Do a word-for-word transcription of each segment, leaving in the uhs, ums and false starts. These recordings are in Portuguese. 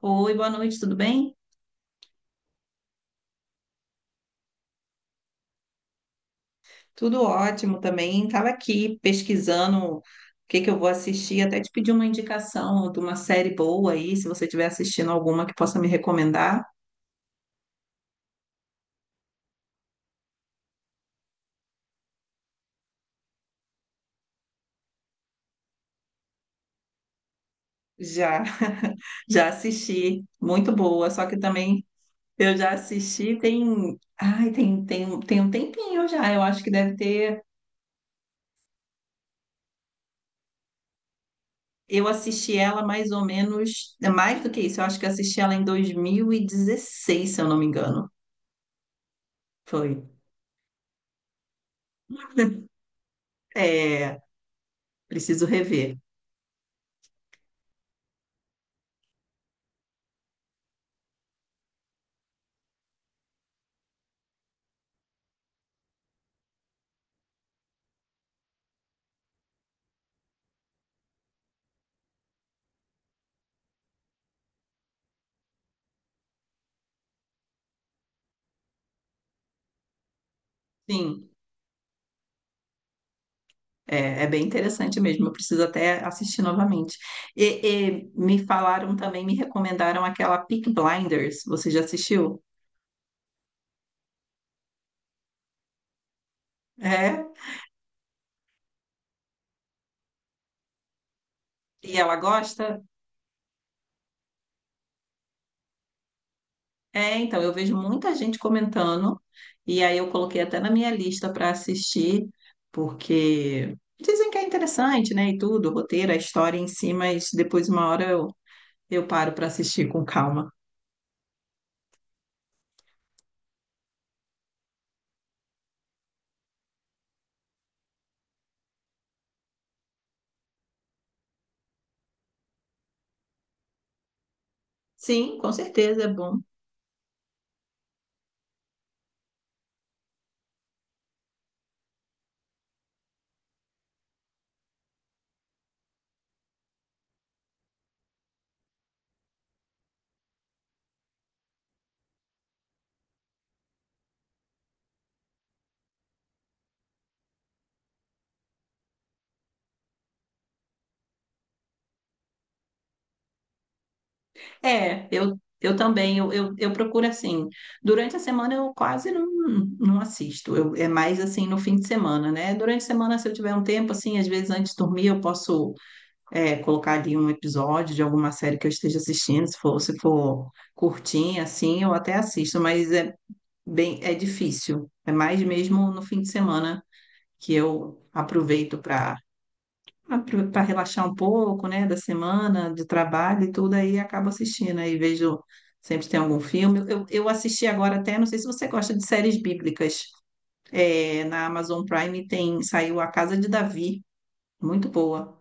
Oi, boa noite, tudo bem? Tudo ótimo também. Estava aqui pesquisando o que que eu vou assistir, até te pedir uma indicação de uma série boa aí, se você estiver assistindo alguma que possa me recomendar. Já, já assisti, muito boa, só que também eu já assisti tem, ai, tem, tem, tem um tempinho já, eu acho que deve ter, eu assisti ela mais ou menos, é mais do que isso, eu acho que eu assisti ela em dois mil e dezesseis, se eu não me engano. Foi. É, preciso rever. Sim, é, é bem interessante mesmo. Eu preciso até assistir novamente. E, e me falaram também, me recomendaram aquela Peaky Blinders. Você já assistiu? É? E ela gosta? É, então, eu vejo muita gente comentando. E aí eu coloquei até na minha lista para assistir, porque dizem que é interessante, né? E tudo, o roteiro, a história em si, mas depois, uma hora, eu, eu paro para assistir com calma. Sim, com certeza é bom. É, eu, eu também, eu, eu, eu procuro assim, durante a semana eu quase não, não assisto, eu, é mais assim no fim de semana, né? Durante a semana, se eu tiver um tempo, assim, às vezes antes de dormir eu posso é, colocar ali um episódio de alguma série que eu esteja assistindo, se for, se for curtinha, assim, eu até assisto, mas é bem, é difícil, é mais mesmo no fim de semana que eu aproveito para para relaxar um pouco, né, da semana, de trabalho e tudo, aí acabo assistindo, aí vejo, sempre tem algum filme. Eu, eu assisti agora até, não sei se você gosta de séries bíblicas, é, na Amazon Prime tem, saiu A Casa de Davi, muito boa.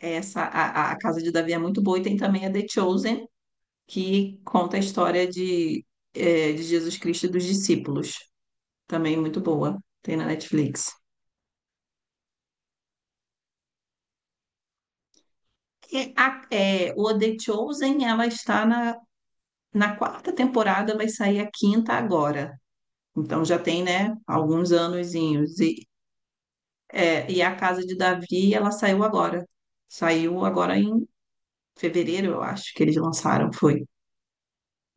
Essa, a, a a Casa de Davi é muito boa e tem também a The Chosen, que conta a história de, é, de Jesus Cristo e dos discípulos, também muito boa, tem na Netflix. E a- é, o The Chosen, ela está na Na quarta temporada vai sair a quinta agora. Então já tem, né, alguns anozinhos. E, é, e a Casa de Davi, ela saiu agora. Saiu agora em fevereiro, eu acho, que eles lançaram, foi.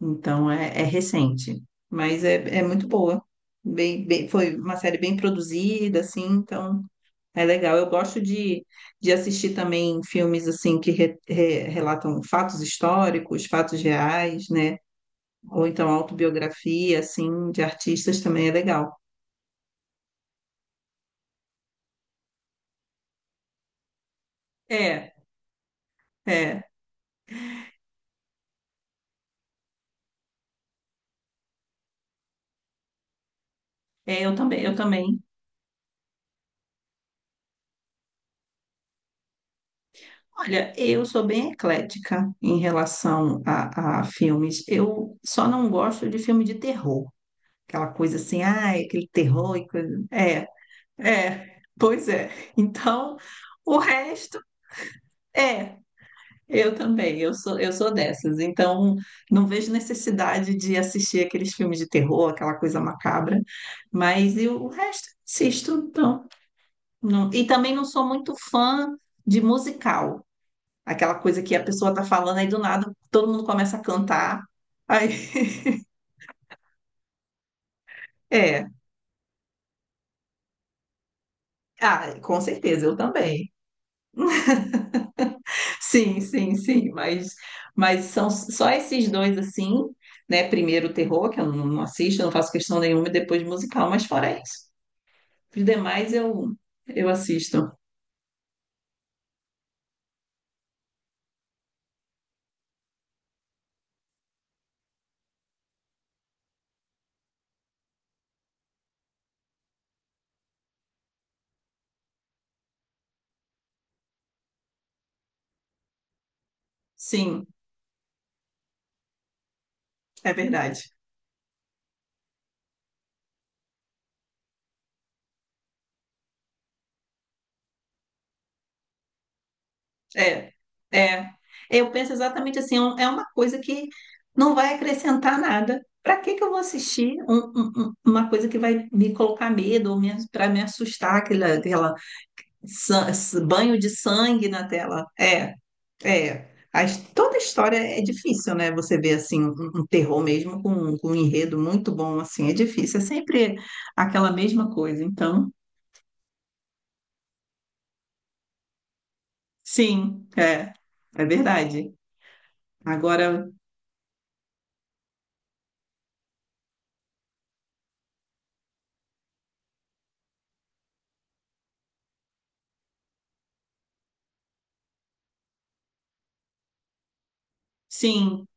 Então é, é recente. Mas é, é muito boa. Bem, bem- foi uma série bem produzida, assim, então é legal. Eu gosto de, de assistir também filmes, assim, que re- re- relatam fatos históricos, fatos reais, né? Ou então autobiografia, assim, de artistas também é legal. É, é, é, eu também, eu também. Olha, eu sou bem eclética em relação a, a filmes. Eu só não gosto de filme de terror. Aquela coisa assim, ah, aquele terror e coisa. É, é, pois é. Então, o resto. É, eu também, eu sou, eu sou dessas. Então, não vejo necessidade de assistir aqueles filmes de terror, aquela coisa macabra, mas eu, o resto assisto, então. Não. E também não sou muito fã de musical, aquela coisa que a pessoa tá falando aí do nada, todo mundo começa a cantar. Aí, é, ah, com certeza, eu também. Sim, sim, sim, mas, mas são só esses dois assim, né? Primeiro o terror, que eu não, não assisto, não faço questão nenhuma, e depois musical, mas fora isso. Os demais eu, eu assisto. Sim, é verdade. É, é. Eu penso exatamente assim, é um- é uma coisa que não vai acrescentar nada. Para que que eu vou assistir um- um- um- uma coisa que vai me colocar medo ou para me assustar, aquela, aquela san- s- banho de sangue na tela? É, é. As- toda história é difícil, né? Você vê assim um, um terror mesmo com, com um enredo muito bom, assim, é difícil. É sempre aquela mesma coisa. Então sim, é, é verdade. Agora, sim,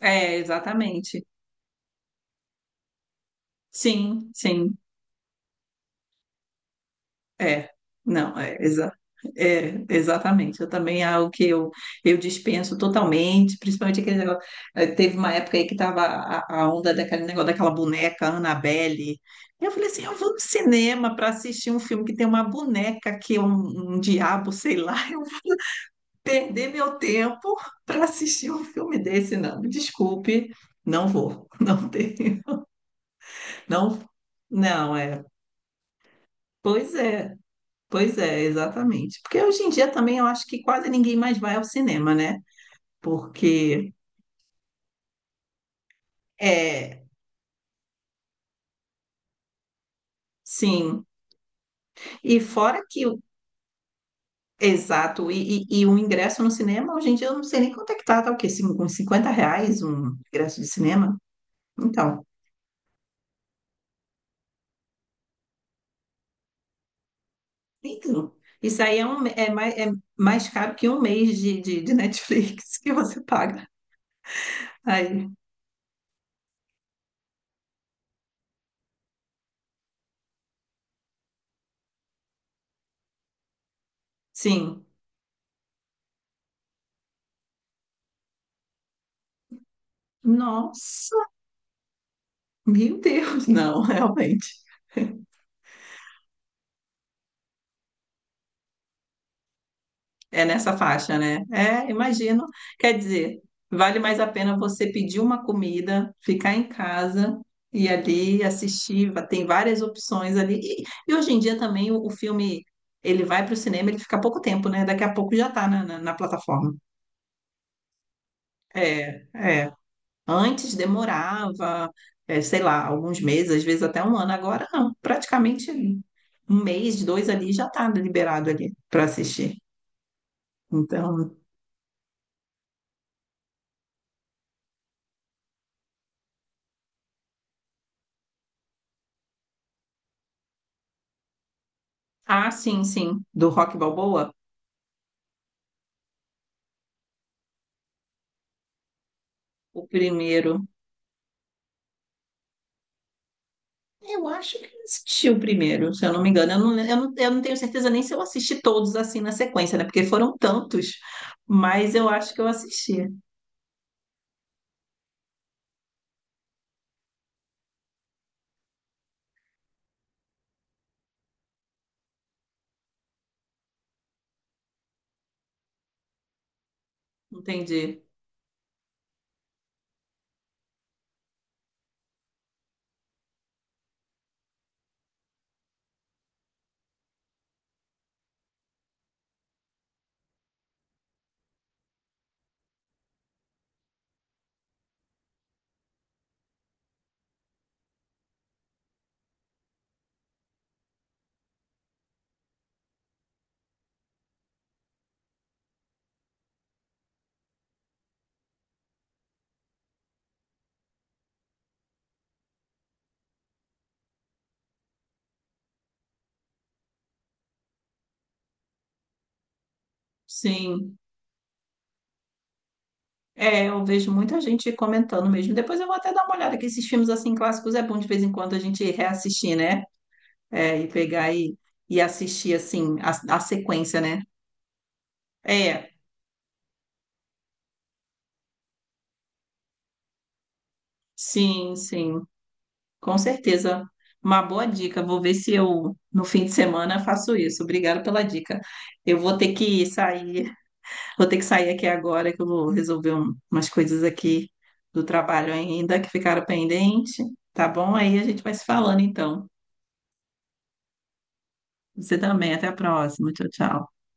é, exatamente. Sim, sim, é. Não, é, exa é, exatamente. Eu também, é algo que eu, eu dispenso totalmente, principalmente aquele negócio. É, teve uma época aí que tava a, a onda daquele negócio daquela boneca Annabelle. Eu falei assim, eu vou no cinema para assistir um filme que tem uma boneca que é um, um diabo, sei lá. Perder meu tempo para assistir um filme desse, não. Me desculpe, não vou, não tenho, não, não é. Pois é, pois é, exatamente. Porque hoje em dia também eu acho que quase ninguém mais vai ao cinema, né? Porque é, sim. E fora que o exato, e, e- e o ingresso no cinema, hoje em dia eu não sei nem quanto é que tá, tá o quê? Cin- Uns cinquenta reais um ingresso de cinema? Então, então, isso aí é, um, é, mais, é mais caro que um mês de, de, de Netflix que você paga. Aí, sim. Nossa, meu Deus, não, realmente. É nessa faixa, né? É, imagino. Quer dizer, vale mais a pena você pedir uma comida, ficar em casa e ali assistir. Va- Tem várias opções ali. E, e hoje em dia também o, o filme, ele vai para o cinema, ele fica pouco tempo, né? Daqui a pouco já está na, na na plataforma. É, é. Antes demorava, eh, sei lá, alguns meses, às vezes até um ano. Agora não, praticamente um mês, dois ali já está liberado ali para assistir. Então, ah, sim, sim, do Rock Balboa, o primeiro. Eu acho que eu assisti o primeiro, se eu não me engano. Eu não, eu não, eu não tenho certeza nem se eu assisti todos assim na sequência, né? Porque foram tantos, mas eu acho que eu assisti. Entendi. Sim. É, eu vejo muita gente comentando mesmo. Depois eu vou até dar uma olhada, que esses filmes assim clássicos é bom de vez em quando a gente reassistir, né? É, e pegar e, e assistir assim a, a sequência, né? É, sim, sim, com certeza. Uma boa dica. Vou ver se eu no fim de semana faço isso. Obrigada pela dica. Eu vou ter que sair, vou ter que sair aqui agora que eu vou resolver um- umas coisas aqui do trabalho ainda que ficaram pendentes, tá bom? Aí a gente vai se falando então. Você também. Até a próxima. Tchau, tchau.